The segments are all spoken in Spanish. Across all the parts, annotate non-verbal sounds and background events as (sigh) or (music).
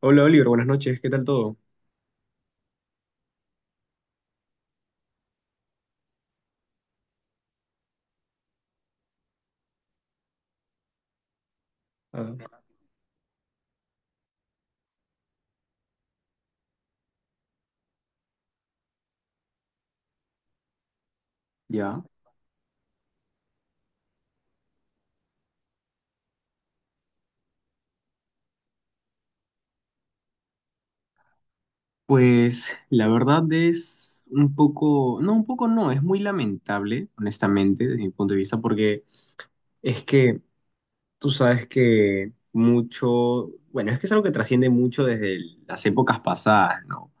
Hola Oliver, buenas noches, ¿qué tal todo? Ah, Ya, pues la verdad es un poco no, es muy lamentable, honestamente, desde mi punto de vista, porque es que tú sabes que mucho, bueno, es que es algo que trasciende mucho desde las épocas pasadas, ¿no?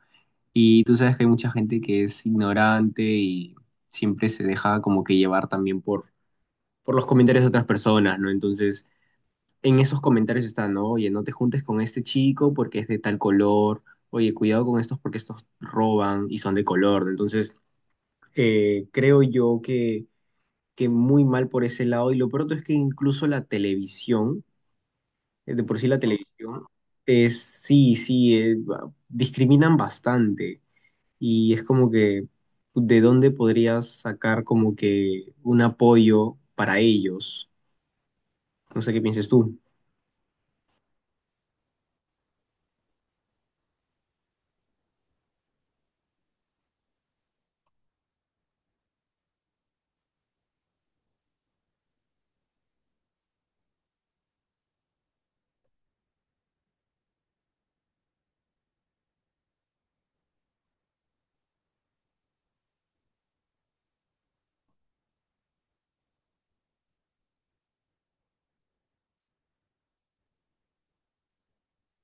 Y tú sabes que hay mucha gente que es ignorante y siempre se deja como que llevar también por los comentarios de otras personas, ¿no? Entonces, en esos comentarios están, ¿no? Oye, no te juntes con este chico porque es de tal color, oye, cuidado con estos porque estos roban y son de color, ¿no? Entonces, creo yo que muy mal por ese lado. Y lo pronto es que incluso la televisión, de por sí la televisión es, sí, sí, discriminan bastante. Y es como que, ¿de dónde podrías sacar como que un apoyo para ellos? No sé qué pienses tú.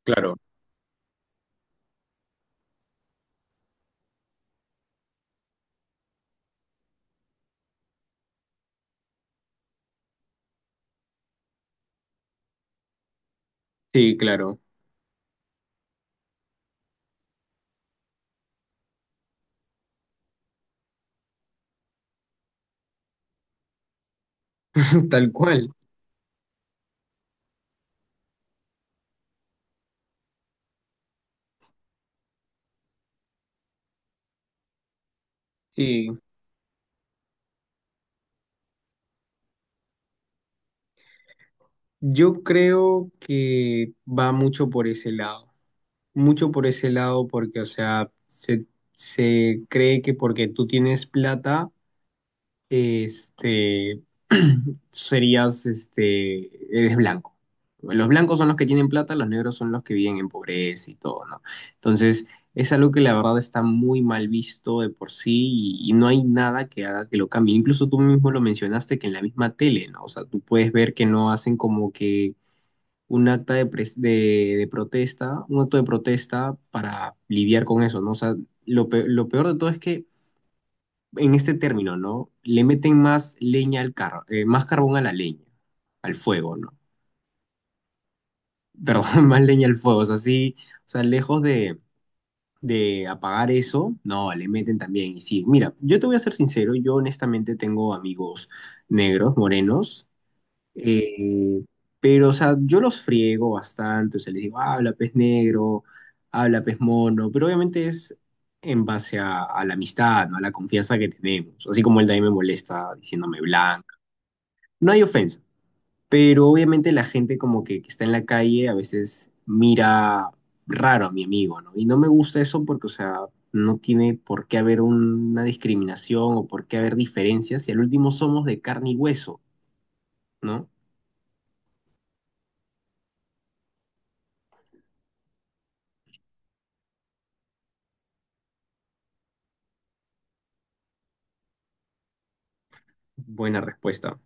Claro. Sí, claro, (laughs) tal cual. Sí, yo creo que va mucho por ese lado, mucho por ese lado porque, o sea, se cree que porque tú tienes plata, este, (clears throat) eres blanco. Los blancos son los que tienen plata, los negros son los que viven en pobreza y todo, ¿no? Entonces, es algo que la verdad está muy mal visto de por sí y no hay nada que haga que lo cambie. Incluso tú mismo lo mencionaste que en la misma tele, ¿no? O sea, tú puedes ver que no hacen como que un acta de protesta, un acto de protesta para lidiar con eso, ¿no? O sea, lo peor de todo es que en este término, ¿no? Le meten más leña al carro, más carbón a la leña, al fuego, ¿no? Perdón, (laughs) más leña al fuego, o sea, sí, o sea, lejos de apagar eso, no, le meten también. Y sí, mira, yo te voy a ser sincero, yo honestamente tengo amigos negros, morenos, eh, pero, o sea, yo los friego bastante, o sea, les digo, "Ah, habla pez negro, habla pez mono", pero obviamente es en base a la amistad, ¿no? A la confianza que tenemos, así como él también me molesta diciéndome blanca. No hay ofensa, pero obviamente la gente como que está en la calle a veces mira raro a mi amigo, ¿no? Y no me gusta eso porque, o sea, no tiene por qué haber una discriminación o por qué haber diferencias si al último somos de carne y hueso, ¿no? Buena respuesta.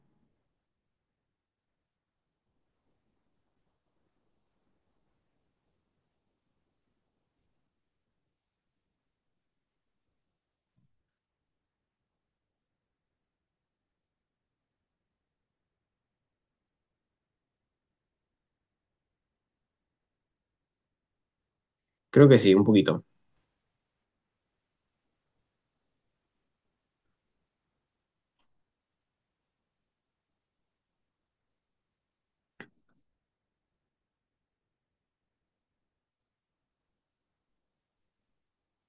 Creo que sí, un poquito.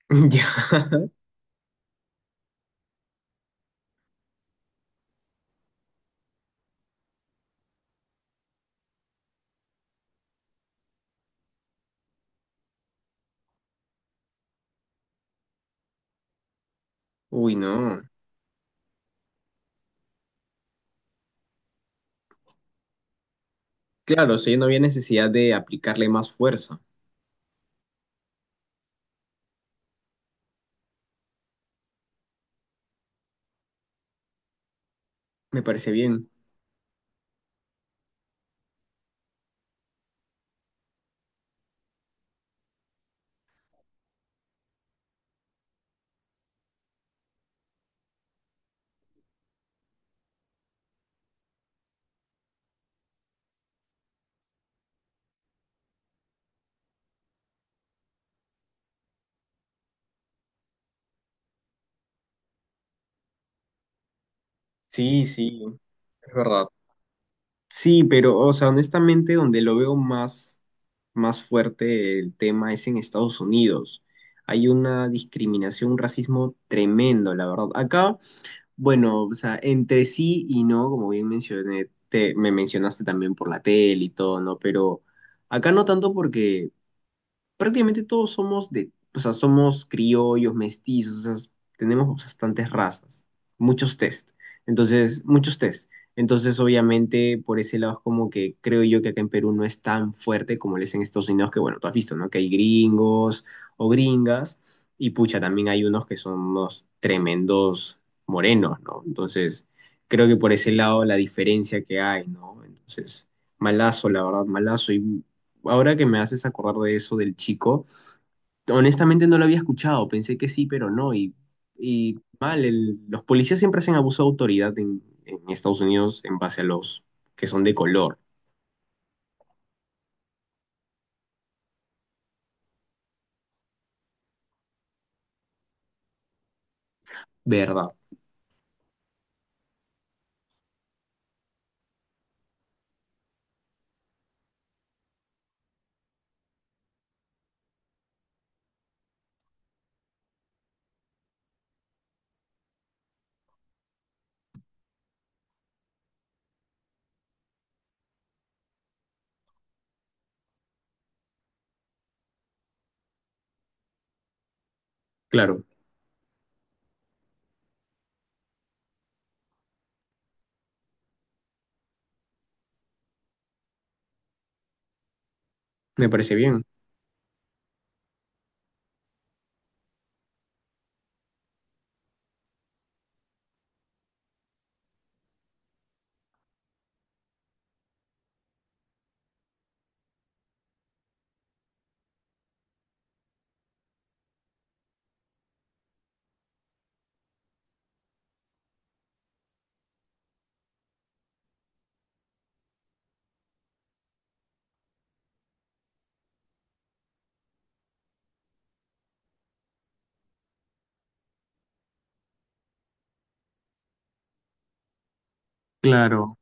(laughs) Ya. Uy, no. Claro, sí, no había necesidad de aplicarle más fuerza. Me parece bien. Sí, sí, es verdad. Sí, pero, o sea, honestamente, donde lo veo más, más fuerte el tema es en Estados Unidos. Hay una discriminación, un racismo tremendo, la verdad. Acá, bueno, o sea, entre sí y no, como bien mencioné, me mencionaste también por la tele y todo, ¿no? Pero acá no tanto porque prácticamente todos somos de, o sea, somos criollos, mestizos, o sea, tenemos bastantes razas, muchos test. Entonces, muchos test. Entonces, obviamente, por ese lado es como que creo yo que acá en Perú no es tan fuerte como lo es en Estados Unidos, que bueno, tú has visto, ¿no? Que hay gringos o gringas, y pucha, también hay unos que son unos tremendos morenos, ¿no? Entonces, creo que por ese lado la diferencia que hay, ¿no? Entonces, malazo, la verdad, malazo. Y ahora que me haces acordar de eso del chico, honestamente no lo había escuchado, pensé que sí, pero no, y mal, los policías siempre hacen abuso de autoridad en Estados Unidos en base a los que son de color, ¿verdad? Claro, me parece bien, claro.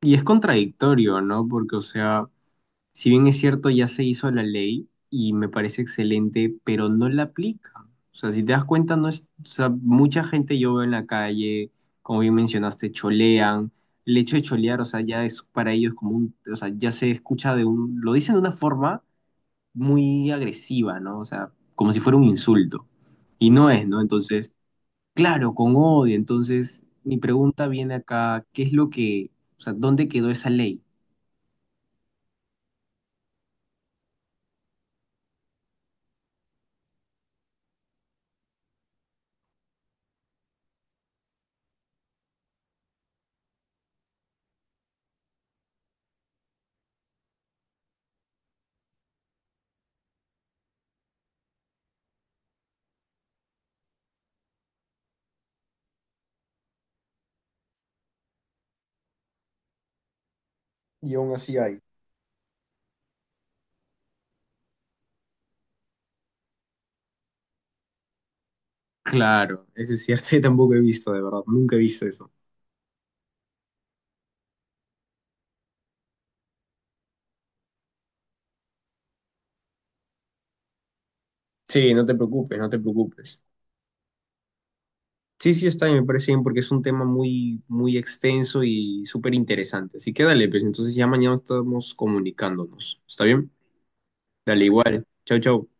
Y es contradictorio, ¿no? Porque, o sea, si bien es cierto, ya se hizo la ley y me parece excelente, pero no la aplican. O sea, si te das cuenta, no es, o sea, mucha gente yo veo en la calle, como bien mencionaste, cholean. El hecho de cholear, o sea, ya es para ellos como un, o sea, ya se escucha de un, lo dicen de una forma muy agresiva, ¿no? O sea, como si fuera un insulto. Y no es, ¿no? Entonces, claro, con odio. Entonces, mi pregunta viene acá, ¿qué es lo que, o sea, dónde quedó esa ley? Y aún así hay. Claro, eso es cierto, (laughs) yo tampoco he visto, de verdad, nunca he visto eso. Sí, no te preocupes, no te preocupes. Sí, sí, está bien, me parece bien porque es un tema muy, muy extenso y súper interesante. Así que dale, pues entonces ya mañana estamos comunicándonos. ¿Está bien? Dale, igual. Chau, chau.